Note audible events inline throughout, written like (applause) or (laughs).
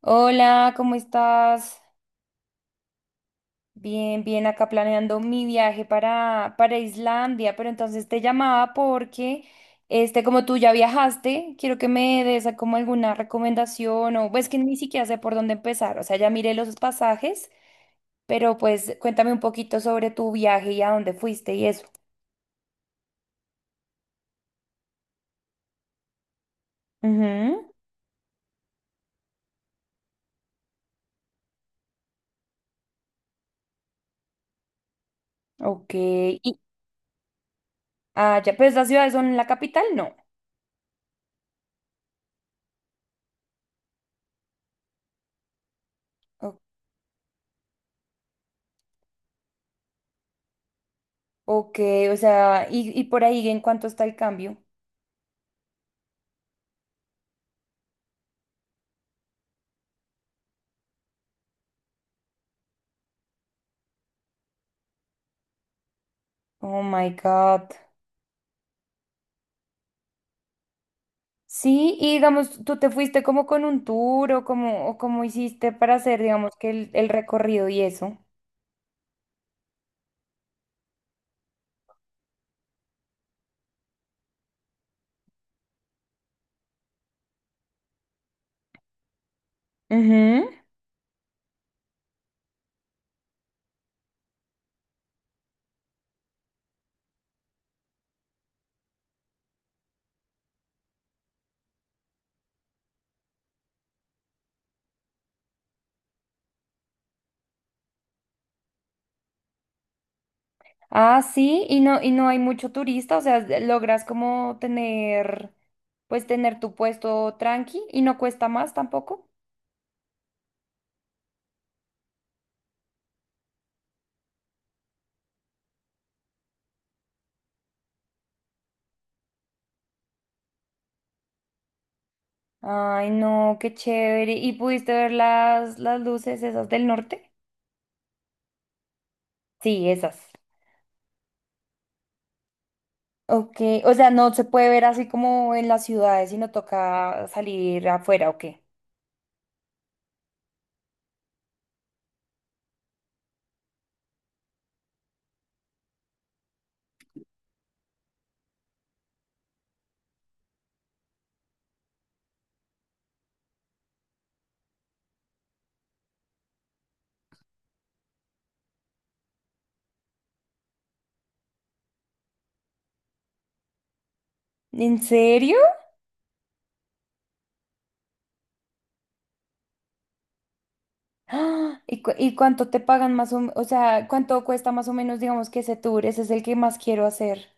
Hola, ¿cómo estás? Bien, bien, acá planeando mi viaje para Islandia, pero entonces te llamaba porque, como tú ya viajaste, quiero que me des como alguna recomendación o pues que ni siquiera sé por dónde empezar, o sea, ya miré los pasajes, pero pues cuéntame un poquito sobre tu viaje y a dónde fuiste y eso. Ujú, ok, y ah, ya, ¿pues las ciudades son la capital, no? O- ok, o sea, y por ahí, ¿en cuánto está el cambio? Oh my God. Sí, y digamos, tú te fuiste como con un tour o como, o cómo hiciste para hacer, digamos, que el recorrido y eso. Ujú. Ah, sí, y no hay mucho turista, o sea, logras como tener, pues tener tu puesto tranqui y no cuesta más tampoco. Ay, no, qué chévere. ¿Y pudiste ver las luces esas del norte? Sí, esas. Ok, o sea, no se puede ver así como en las ciudades, sino toca salir afuera, ¿o qué? ¿En serio? (gasps) ¡Ah! ¿Y, y cuánto te pagan más o sea, cuánto cuesta más o menos, digamos, que ese tour? Ese es el que más quiero hacer.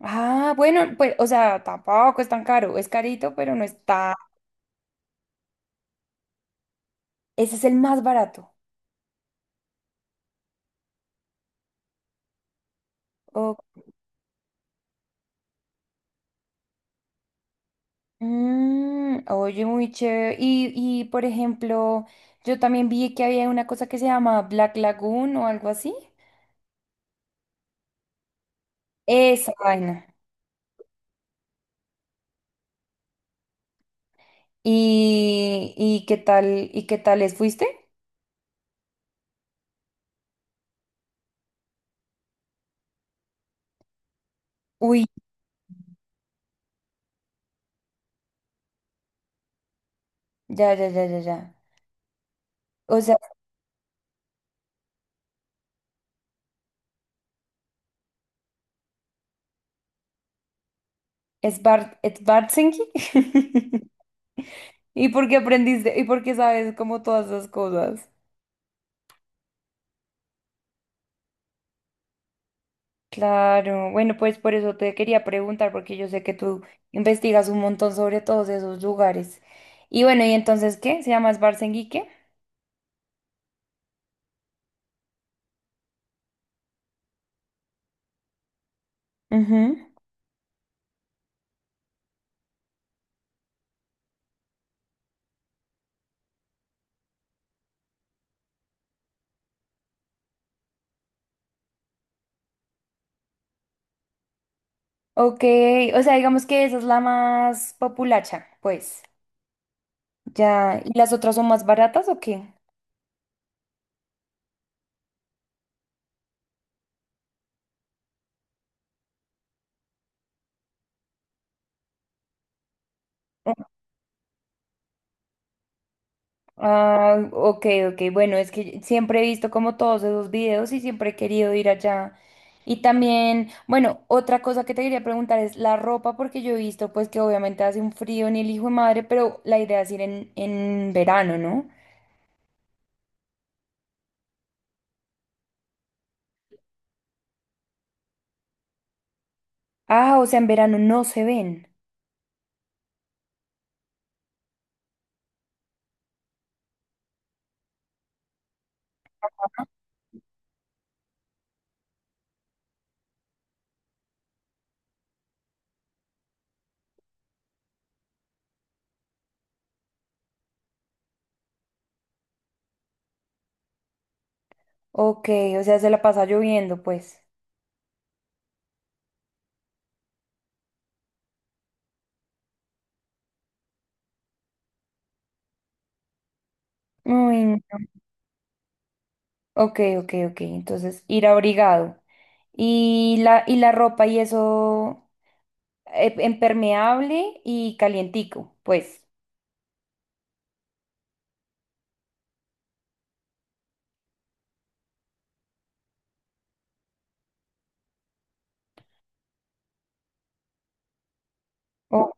Ah, bueno, pues, o sea, tampoco es tan caro. Es carito, pero no está. Ese es el más barato. O- Mm, oye, muy chévere. Y, por ejemplo, yo también vi que había una cosa que se llama Black Lagoon o algo así. Esa vaina. Y qué tal? ¿Y qué tal les fuiste? Uy, ya. O sea, Sbartsenki. (laughs) ¿Y por qué aprendiste? ¿Y por qué sabes como todas esas cosas? Claro, bueno, pues por eso te quería preguntar, porque yo sé que tú investigas un montón sobre todos esos lugares. Y bueno, ¿y entonces qué? ¿Se llama Sbartsenki qué? Ujú. Ok, o sea, digamos que esa es la más populacha, pues. Ya, ¿y las otras son más baratas o qué? Ah, ok, ok. Bueno, es que siempre he visto como todos esos videos y siempre he querido ir allá. Y también, bueno, otra cosa que te quería preguntar es la ropa, porque yo he visto pues que obviamente hace un frío en el hijo de madre, pero la idea es ir en verano, ¿no? Ah, o sea, en verano no se ven. Ok, o sea, se la pasa lloviendo, pues. Uy, no. Ok, ok, ok. Entonces, ir abrigado. Y la ropa y eso, impermeable y calientico, pues. O,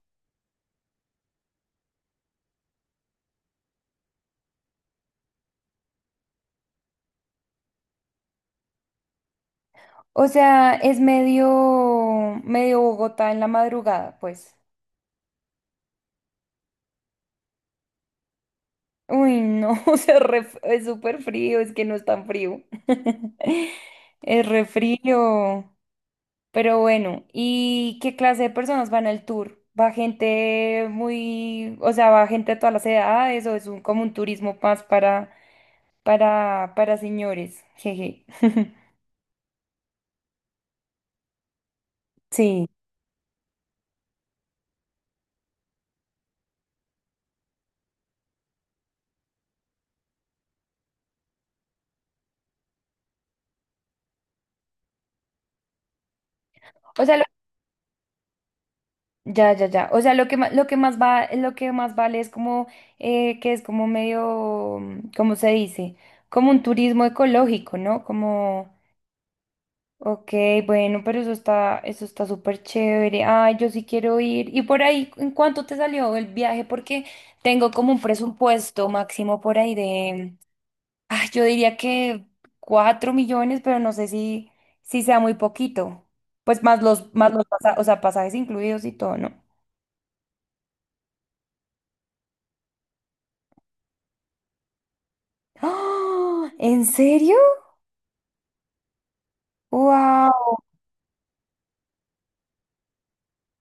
o sea, es medio, medio Bogotá en la madrugada, pues. Uy, no, (laughs) o sea, es súper frío, es que no es tan frío. (laughs) Es re frío. Pero bueno, ¿y qué clase de personas van al tour? ¿Va gente muy, o sea, va gente de todas las edades o es un, como un turismo más para señores? Jeje. (laughs) Sí. O sea, ya, ya, ya. O sea, lo que más va, lo que más vale es como, que es como medio, ¿cómo se dice? Como un turismo ecológico, ¿no? Como, ok, bueno, pero eso está súper chévere. Ay, yo sí quiero ir. Y por ahí, ¿en cuánto te salió el viaje? Porque tengo como un presupuesto máximo por ahí de, ah, yo diría que 4 millones, pero no sé si, si sea muy poquito. Pues más los, o sea, pasajes incluidos y todo, ¿no? (gasps) ¡Ah! ¿En serio? ¡Wow!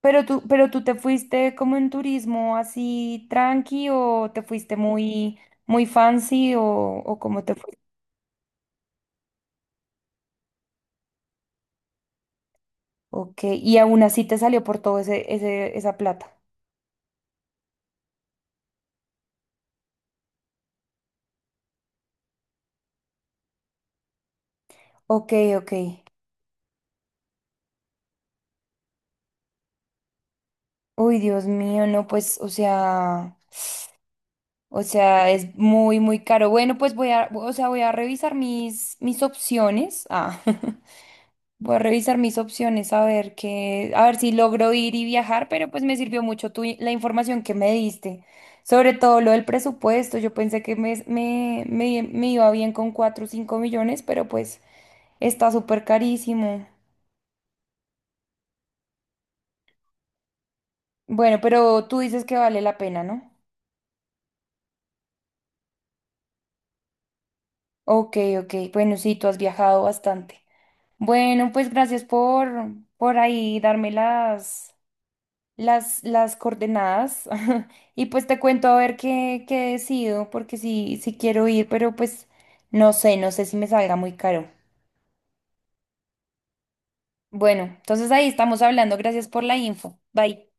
Pero tú te fuiste como en turismo así tranqui o te fuiste muy, muy fancy o cómo te fuiste. Ok, y aún así te salió por todo ese, ese, esa plata. Ok, ok. Uy, Dios mío, no, pues, o sea, es muy, muy caro. Bueno, pues voy a, o sea, voy a revisar mis, mis opciones. Ah. (laughs) Voy a revisar mis opciones a ver qué, a ver si logro ir y viajar, pero pues me sirvió mucho tu, la información que me diste, sobre todo lo del presupuesto. Yo pensé que me iba bien con 4 o 5 millones, pero pues está súper carísimo. Bueno, pero tú dices que vale la pena, ¿no? Ok, ok. Bueno, sí, tú has viajado bastante. Bueno, pues gracias por ahí darme las, las coordenadas (laughs) y pues te cuento a ver qué, qué decido, porque sí, sí quiero ir, pero pues no sé, no sé si me salga muy caro. Bueno, entonces ahí estamos hablando. Gracias por la info. Bye.